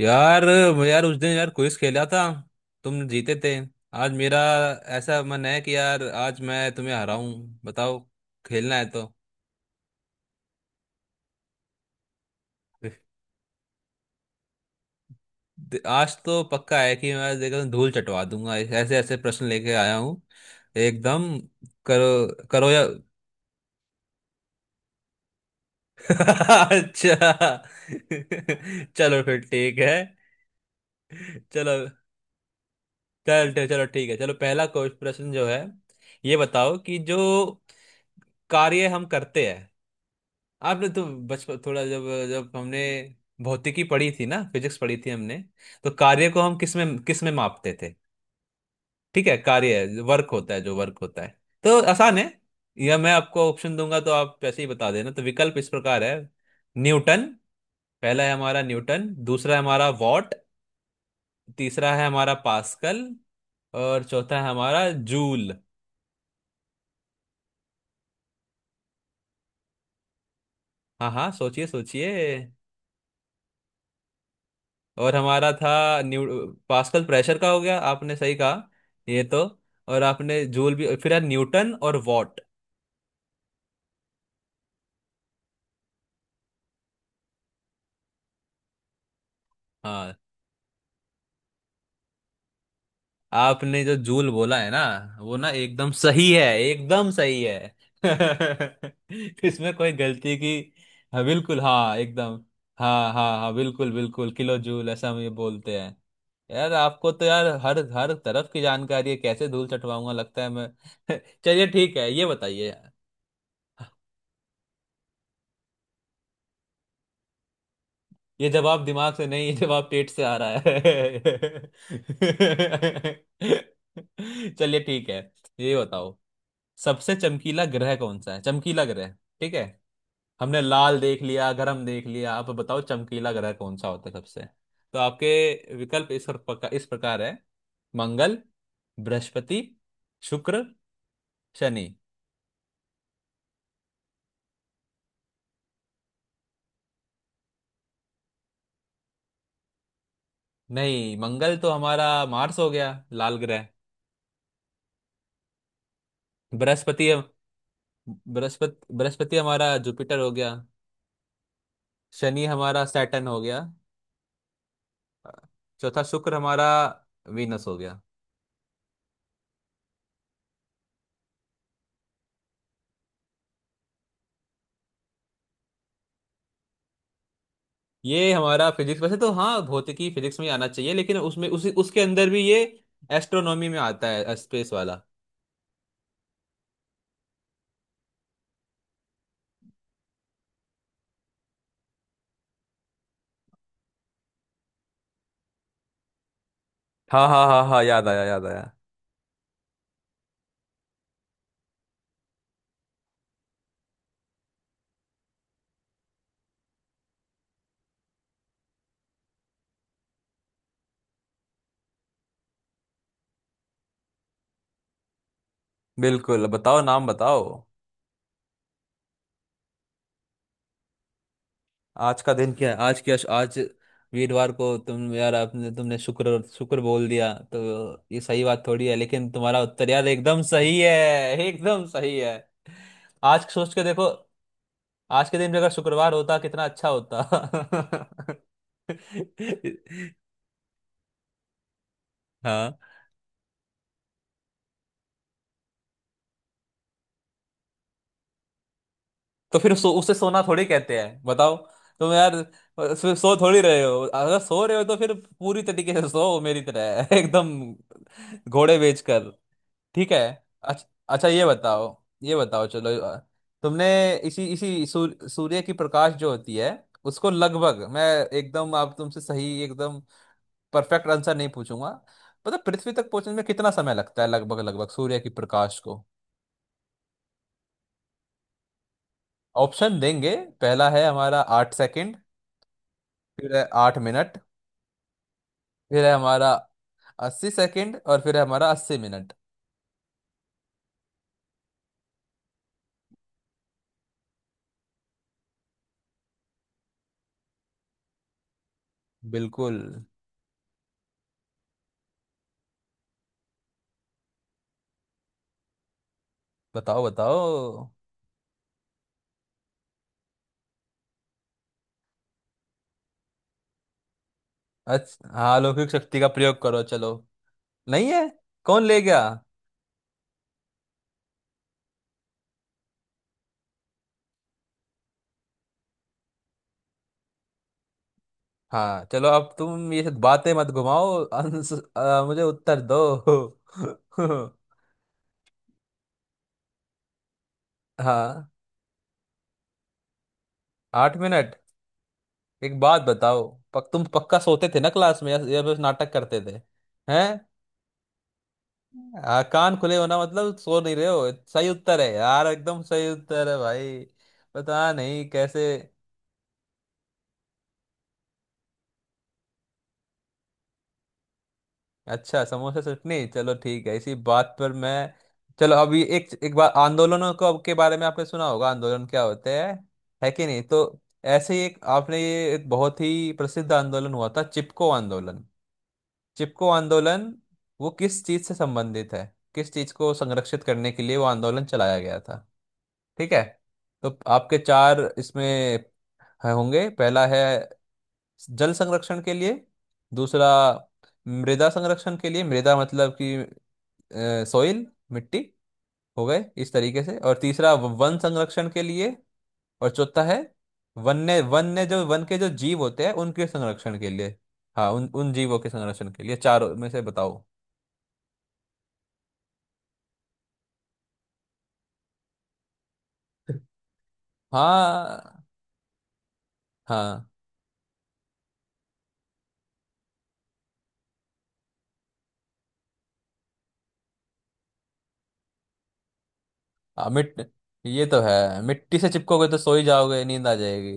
यार। मैं यार उस दिन यार क्विज खेला था। तुम जीते थे। आज मेरा ऐसा मन है कि यार आज मैं तुम्हें हराऊं, बताओ, खेलना है तो। आज तो पक्का है कि मैं आज देखो धूल चटवा दूंगा, ऐसे ऐसे प्रश्न लेके आया हूँ। एकदम। करो करो या अच्छा। चलो फिर ठीक है। चलो चल चल- चलो ठीक है। चलो, पहला क्वेश्चन प्रश्न जो है, ये बताओ कि जो कार्य हम करते हैं, आपने तो बचपन थोड़ा जब जब हमने भौतिकी पढ़ी थी ना, फिजिक्स पढ़ी थी हमने, तो कार्य को हम किस में मापते थे? ठीक है, कार्य वर्क होता है, जो वर्क होता है, तो आसान है। या मैं आपको ऑप्शन दूंगा तो आप वैसे ही बता देना। तो विकल्प इस प्रकार है। न्यूटन, पहला है हमारा न्यूटन, दूसरा है हमारा वॉट, तीसरा है हमारा पास्कल, और चौथा है हमारा जूल। हाँ हाँ, सोचिए सोचिए। और हमारा था न्यू, पास्कल प्रेशर का हो गया, आपने सही कहा। ये तो। और आपने जूल भी फिर है, न्यूटन और वॉट। हाँ। आपने जो जूल बोला है ना, वो ना एकदम सही है, एकदम सही है। इसमें कोई गलती की। हाँ बिल्कुल, हाँ एकदम। हाँ हाँ हाँ, बिल्कुल बिल्कुल, किलो जूल ऐसा हम ये बोलते हैं। यार आपको तो यार हर हर तरफ की जानकारी है, कैसे धूल चटवाऊंगा लगता है मैं। चलिए ठीक है, ये बताइए। ये जवाब दिमाग से नहीं, ये जवाब पेट से आ रहा है। चलिए ठीक है, ये बताओ, सबसे चमकीला ग्रह कौन सा है, चमकीला ग्रह? ठीक है, हमने लाल देख लिया, गरम देख लिया, आप बताओ चमकीला ग्रह कौन सा होता है सबसे। तो आपके विकल्प इस प्रकार है। मंगल, बृहस्पति, शुक्र, शनि। नहीं, मंगल तो हमारा मार्स हो गया, लाल ग्रह। बृहस्पति, बृहस्पति हमारा जुपिटर हो गया। शनि हमारा सैटर्न हो गया। चौथा शुक्र हमारा वीनस हो गया। ये हमारा फिजिक्स, वैसे तो हाँ भौतिकी फिजिक्स में ही आना चाहिए, लेकिन उसमें उसी उसके अंदर भी ये एस्ट्रोनॉमी में आता है, स्पेस वाला। हाँ हाँ हाँ हाँ, याद आया याद आया। बिल्कुल, बताओ नाम बताओ। आज का दिन क्या है, आज क्या, आज वीरवार को तुम यार आपने तुमने शुक्र शुक्र बोल दिया तो ये सही बात थोड़ी है, लेकिन तुम्हारा उत्तर यार एकदम सही है, एकदम सही है। आज सोच के देखो, आज के दिन भी अगर शुक्रवार होता कितना अच्छा होता। हाँ। तो फिर उसे सोना थोड़ी कहते हैं, बताओ। तुम यार सो थोड़ी रहे हो, अगर सो रहे हो तो फिर पूरी तरीके से सो मेरी तरह एकदम, घोड़े बेच कर। ठीक है। अच्छा, अच्छा ये बताओ, ये बताओ, चलो तुमने इसी इसी सूर्य की प्रकाश जो होती है उसको लगभग मैं एकदम, आप तुमसे सही एकदम परफेक्ट आंसर नहीं पूछूंगा, मतलब पृथ्वी तक पहुंचने में कितना समय लगता है लगभग लगभग सूर्य की प्रकाश को। ऑप्शन देंगे, पहला है हमारा आठ सेकंड, फिर है आठ मिनट, फिर है हमारा अस्सी सेकंड और फिर है हमारा अस्सी मिनट। बिल्कुल, बताओ बताओ। अच्छा हाँ, अलौकिक शक्ति का प्रयोग करो, चलो। नहीं है? कौन ले गया? हाँ, चलो अब तुम ये बातें मत घुमाओ, मुझे उत्तर दो। हाँ, आठ मिनट। एक बात बताओ, पक तुम पक्का सोते थे ना क्लास में, या बस नाटक करते थे? हैं? कान खुले होना मतलब सो नहीं रहे हो, सही उत्तर है यार, एकदम सही उत्तर है भाई। पता नहीं कैसे। अच्छा समोसा चटनी, चलो ठीक है, इसी बात पर मैं। चलो, अभी एक एक बार आंदोलनों को के बारे में आपने सुना होगा, आंदोलन क्या होते हैं, है कि नहीं? तो ऐसे ही एक आपने ये एक बहुत ही प्रसिद्ध आंदोलन हुआ था, चिपको आंदोलन, चिपको आंदोलन, वो किस चीज से संबंधित है, किस चीज को संरक्षित करने के लिए वो आंदोलन चलाया गया था? ठीक है। तो आपके चार इसमें है होंगे। पहला है जल संरक्षण के लिए, दूसरा मृदा संरक्षण के लिए, मृदा मतलब कि सॉइल, मिट्टी, हो गए इस तरीके से। और तीसरा वन संरक्षण के लिए। और चौथा है वन्य, वन्य जो वन के जो जीव होते हैं उनके संरक्षण के लिए, हाँ उन उन जीवों के संरक्षण के लिए, चारों में से बताओ। हाँ हाँ, आ, मिट ये तो है, मिट्टी से चिपकोगे तो सो ही जाओगे, नींद आ जाएगी।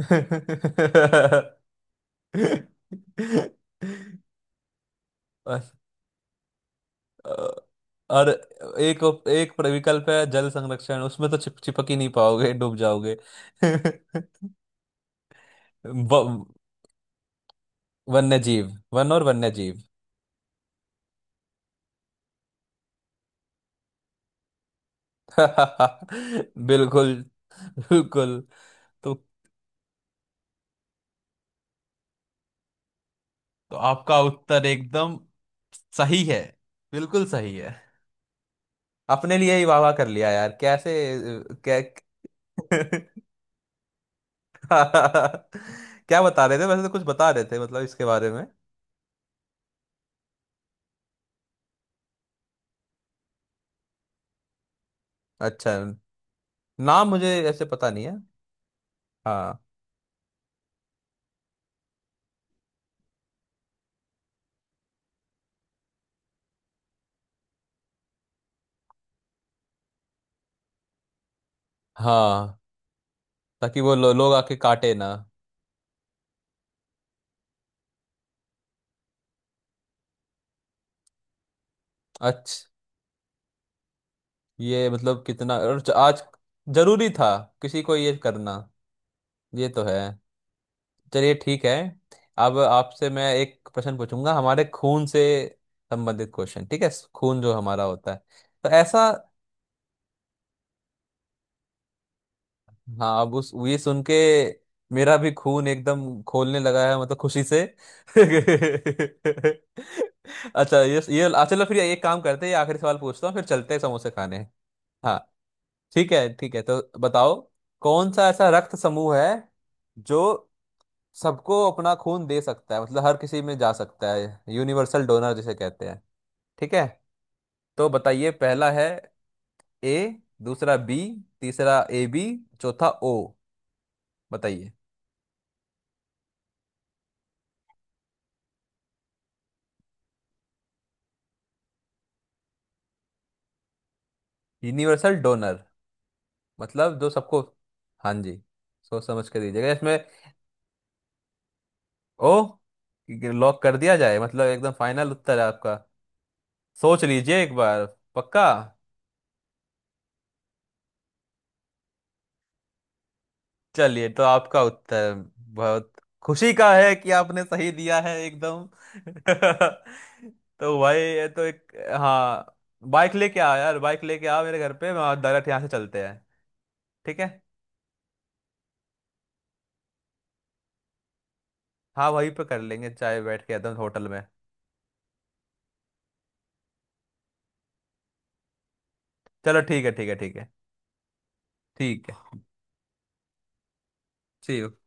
बस। अ, और एक, एक विकल्प है जल संरक्षण, उसमें तो चिपक ही नहीं पाओगे, डूब जाओगे। व, वन्य जीव, वन और वन्य जीव। बिल्कुल बिल्कुल। तो आपका उत्तर एकदम सही है, बिल्कुल सही है। अपने लिए ही वाह वाह कर लिया यार, कैसे क्या। क्या बता रहे थे, वैसे तो कुछ बता रहे थे मतलब इसके बारे में। अच्छा, नाम मुझे ऐसे पता नहीं है। हाँ हाँ, ताकि वो लोग आके काटे ना। अच्छा, ये मतलब कितना और आज जरूरी था किसी को ये करना। ये तो है। चलिए ठीक है, अब आपसे मैं एक प्रश्न पूछूंगा, हमारे खून से संबंधित क्वेश्चन। ठीक है, खून जो हमारा होता है, तो ऐसा। हाँ, अब उस ये सुन के मेरा भी खून एकदम खोलने लगा है, मतलब खुशी से। अच्छा, ये चलो फिर एक काम करते हैं, ये आखिरी सवाल पूछता हूँ, फिर चलते हैं समोसे खाने। हाँ। ठीक है ठीक है, तो बताओ, कौन सा ऐसा रक्त समूह है जो सबको अपना खून दे सकता है, मतलब हर किसी में जा सकता है, यूनिवर्सल डोनर जिसे कहते हैं? ठीक है। तो बताइए, पहला है ए, दूसरा बी, तीसरा ए बी, चौथा ओ। बताइए। यूनिवर्सल डोनर मतलब जो सबको, हाँ जी, सोच समझ कर दीजिएगा इसमें। ओ? लॉक कर दिया जाए मतलब एकदम फाइनल उत्तर है आपका? सोच लीजिए एक बार, पक्का। चलिए, तो आपका उत्तर बहुत खुशी का है कि आपने सही दिया है एकदम। तो भाई ये तो एक, हाँ बाइक लेके आ यार, बाइक लेके आ मेरे घर पे, वहाँ डायरेक्ट यहाँ से चलते हैं। ठीक है। हाँ वहीं पे कर लेंगे चाय, बैठ के एकदम होटल में। चलो ठीक है ठीक है ठीक है। ठीक है। सी यू।